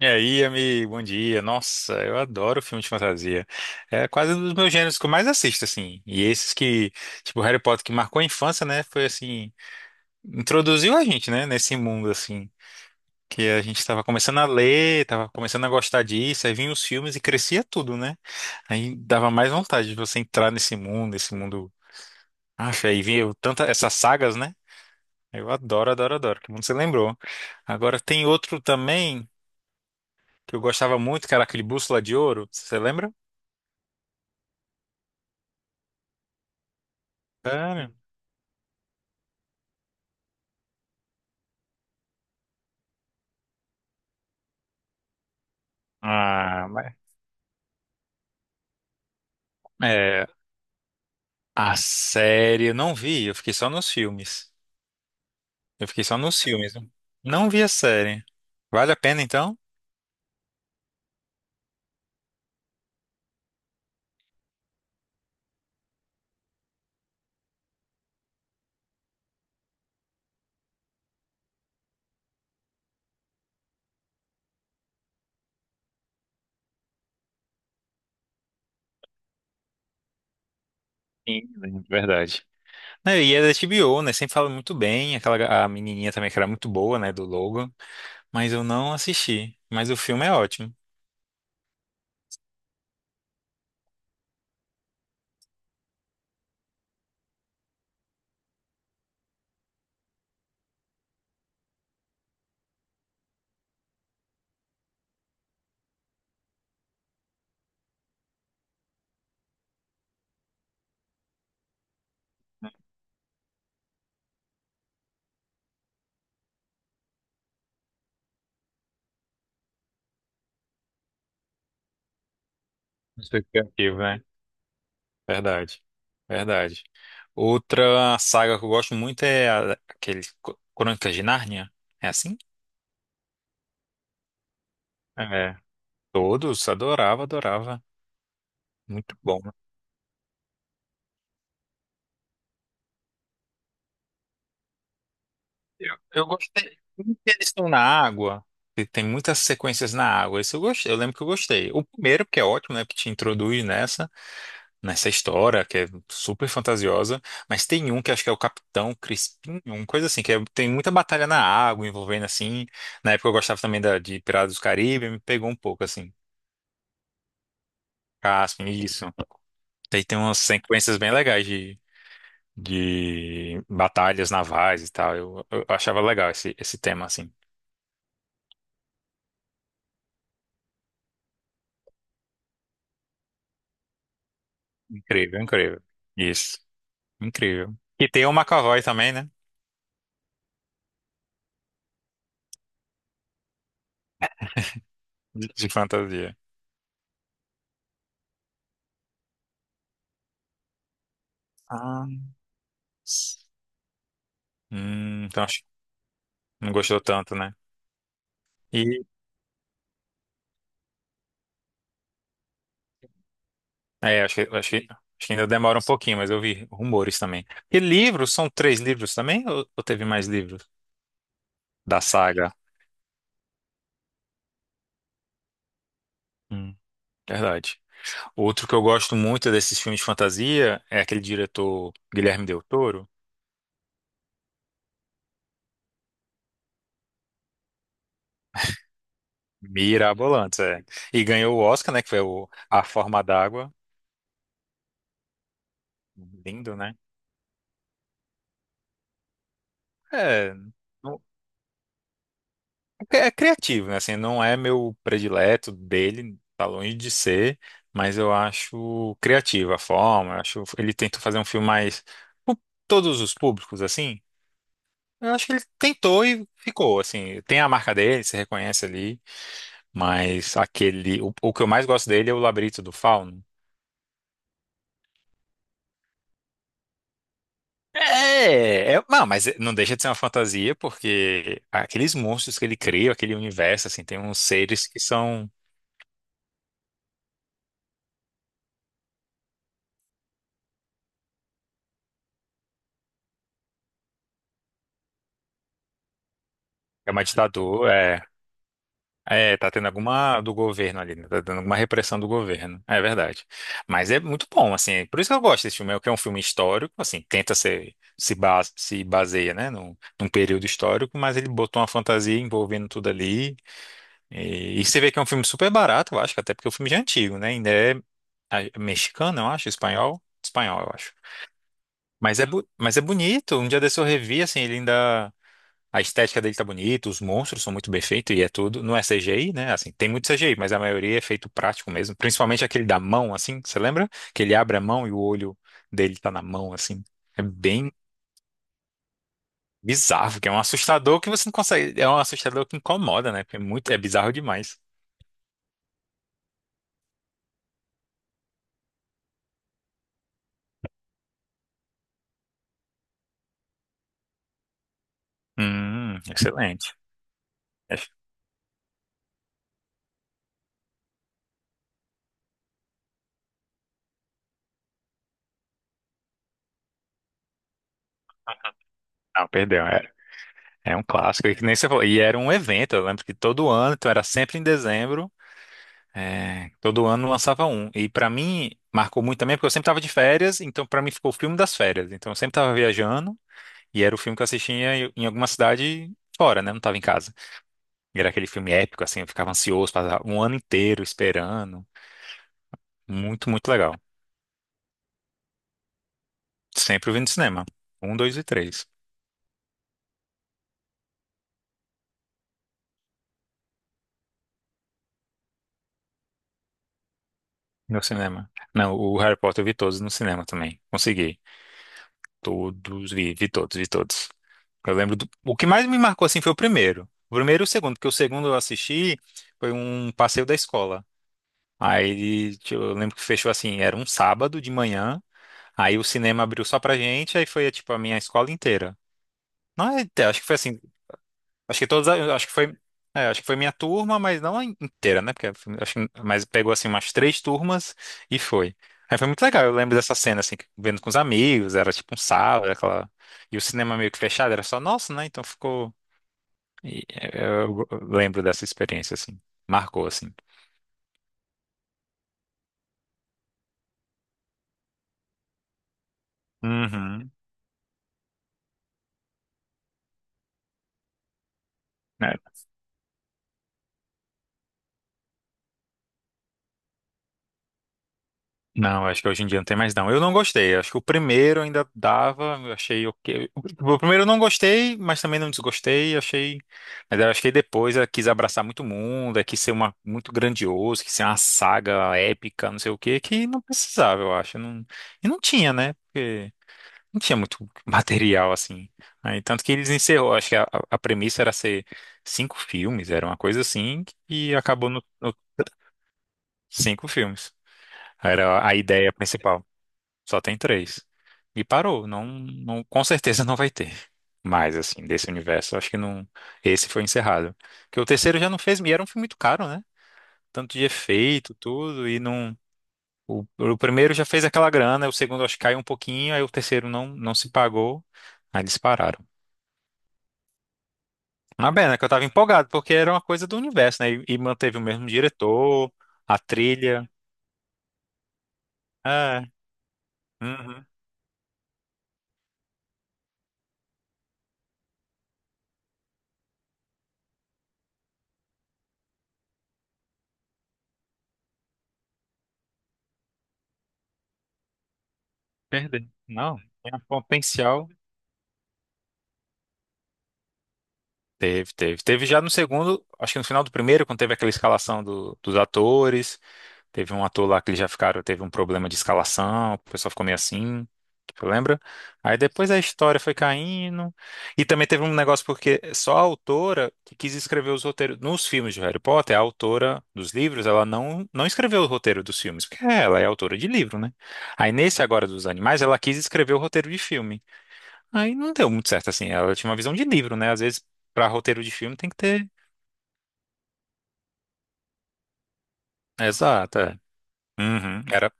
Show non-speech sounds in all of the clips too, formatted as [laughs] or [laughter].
E aí, amigo, bom dia. Nossa, eu adoro filme de fantasia. É quase um dos meus gêneros que eu mais assisto, assim. E esses que, Harry Potter, que marcou a infância, né? Foi assim, introduziu a gente, né? Nesse mundo, assim. Que a gente tava começando a ler, tava começando a gostar disso, aí vinham os filmes e crescia tudo, né? Aí dava mais vontade de você entrar nesse mundo. Acha, aí vinha tanta, essas sagas, né? Eu adoro, adoro, adoro. Que mundo você lembrou. Agora tem outro também, que eu gostava muito, que era aquele Bússola de Ouro, você lembra? Sério? Ah, mas... É, a série eu não vi, eu fiquei só nos filmes. Eu fiquei só nos filmes, né? Não vi a série. Vale a pena então? Sim, de verdade. Né, e é da HBO, né? Sempre fala muito bem. A menininha também que era muito boa, né? Do Logan. Mas eu não assisti. Mas o filme é ótimo. Isso aqui é verdade, verdade. Outra saga que eu gosto muito é aquele Crônicas de Nárnia. É assim? É. Todos, adorava, adorava. Muito bom. Eu gostei muito que eles estão na água, e tem muitas sequências na água. Isso eu gostei. Eu lembro que eu gostei. O primeiro, porque é ótimo, né? Que te introduz nessa, nessa história, que é super fantasiosa, mas tem um que acho que é o Capitão Crispim, uma coisa assim, que tem muita batalha na água envolvendo assim. Na época eu gostava também de Piratas do Caribe, me pegou um pouco assim. Caspian, isso. Daí tem umas sequências bem legais de batalhas navais e tal. Eu achava legal esse tema, assim. Incrível, incrível. Isso, incrível. E tem o McAvoy também, né? De fantasia. Ah. Então acho que não gostou tanto, né? É, acho que ainda demora um pouquinho, mas eu vi rumores também. E livros? São três livros também? Ou teve mais livros da saga? Hum, verdade. Outro que eu gosto muito desses filmes de fantasia é aquele diretor Guilherme Del Toro. Mirabolantes, é. E ganhou o Oscar, né? Que foi o A Forma d'Água. Lindo, né? É. É é criativo, né? Assim, não é meu predileto dele, tá longe de ser, mas eu acho criativa a forma. Eu acho ele tentou fazer um filme mais pro todos os públicos, assim. Eu acho que ele tentou e ficou, assim. Tem a marca dele, se reconhece ali, mas aquele, o que eu mais gosto dele é o Labirinto do Fauno. É, não, mas não deixa de ser uma fantasia, porque aqueles monstros que ele cria, aquele universo, assim, tem uns seres que são, é uma ditadura, é. É, tá tendo alguma do governo ali, né? Tá dando alguma repressão do governo. É verdade. Mas é muito bom, assim. Por isso que eu gosto desse filme, é que é um filme histórico, assim, tenta ser, se se baseia, né, num período histórico, mas ele botou uma fantasia envolvendo tudo ali. E você vê que é um filme super barato, eu acho, que até porque o filme já é antigo, né? Ainda é mexicano, eu acho, espanhol. Espanhol, eu acho. Mas é bonito. Um dia desse eu revi, assim, ele ainda. A estética dele tá bonita, os monstros são muito bem feitos e é tudo. Não é CGI, né? Assim, tem muito CGI, mas a maioria é feito prático mesmo. Principalmente aquele da mão, assim, você lembra? Que ele abre a mão e o olho dele tá na mão, assim. É bem bizarro, que é um assustador que você não consegue. É um assustador que incomoda, né? Porque é muito, é bizarro demais. Excelente. É- não, perdeu, era. É um clássico, e que nem você falou. E era um evento, eu lembro que todo ano, então era sempre em dezembro. É, todo ano lançava um. E pra mim marcou muito também porque eu sempre tava de férias, então pra mim ficou o filme das férias. Então eu sempre tava viajando e era o filme que eu assistia em alguma cidade fora, né? Não tava em casa. E era aquele filme épico assim, eu ficava ansioso, passava um ano inteiro esperando. Muito, muito legal. Sempre eu vi no cinema. Um, dois e três no cinema. Não, o Harry Potter eu vi todos no cinema também. Consegui. Todos, vi todos. Eu lembro do... O que mais me marcou, assim, foi o primeiro. O primeiro e o segundo, porque o segundo eu assisti foi um passeio da escola. Aí, tipo, eu lembro que fechou assim, era um sábado de manhã, aí o cinema abriu só pra gente, aí foi, tipo, a minha escola inteira. Não, é, acho que foi assim, Acho que todas, acho que foi, é, acho que foi minha turma, mas não a inteira, né? Porque acho que, mas pegou assim umas três turmas e foi. Aí foi muito legal, eu lembro dessa cena assim, vendo com os amigos, era tipo um sábado, aquela e o cinema meio que fechado, era só nosso, né? Então ficou eu lembro dessa experiência assim, marcou assim. Uhum. Não, acho que hoje em dia não tem mais não. Eu não gostei. Acho que o primeiro ainda dava, eu achei ok. O primeiro eu não gostei, mas também não desgostei, achei. Mas eu acho que depois ela quis abraçar muito mundo, é, quis ser uma muito grandioso, quis ser uma saga épica, não sei o quê, que não precisava, eu acho. Não... E não tinha, né? Porque não tinha muito [laughs] material assim. Aí, tanto que eles encerrou, acho que a premissa era ser cinco filmes, era uma coisa assim, e acabou no cinco filmes. Era a ideia principal. Só tem três. E parou. Não, não, com certeza não vai ter mais assim, desse universo, acho que não. Esse foi encerrado. Porque o terceiro já não fez. E era um filme muito caro, né? Tanto de efeito, tudo. E não. O primeiro já fez aquela grana. O segundo, acho que caiu um pouquinho. Aí o terceiro não, não se pagou. Aí eles pararam. Mas bem, né, que eu tava empolgado, porque era uma coisa do universo, né? E manteve o mesmo diretor, a trilha. É. Uhum. Perdeu. Não, tinha potencial. Teve, teve. Teve já no segundo, acho que no final do primeiro, quando teve aquela escalação dos atores. Teve um ator lá que eles já ficaram, teve um problema de escalação, o pessoal ficou meio assim, tu lembra? Aí depois a história foi caindo. E também teve um negócio porque só a autora que quis escrever os roteiros nos filmes de Harry Potter, a autora dos livros, ela não escreveu o roteiro dos filmes, porque ela é autora de livro, né? Aí nesse agora dos animais, ela quis escrever o roteiro de filme. Aí não deu muito certo, assim. Ela tinha uma visão de livro, né? Às vezes, pra roteiro de filme tem que ter. Exato, é. Uhum. Era.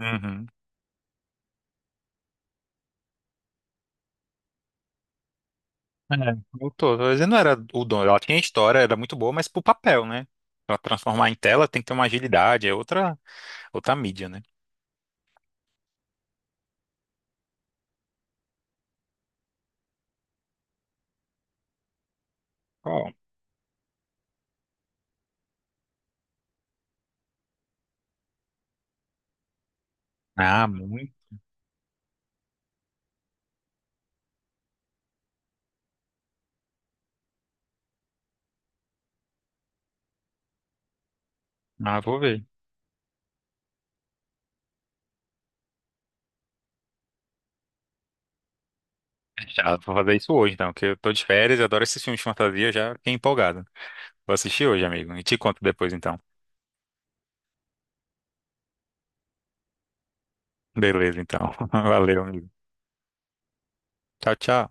Uhum. É, tô dizendo, não era o dono. Ela tinha história, era muito boa, mas pro papel, né? Pra transformar em tela tem que ter uma agilidade, é outra mídia, né? Ó. Ah, muito. Ah, vou ver. Já vou fazer isso hoje, então, que eu tô de férias, eu adoro esses filmes de fantasia, já fiquei empolgado. Vou assistir hoje, amigo. E te conto depois, então. Beleza, então. [laughs] Valeu, amigo. Tchau, tchau.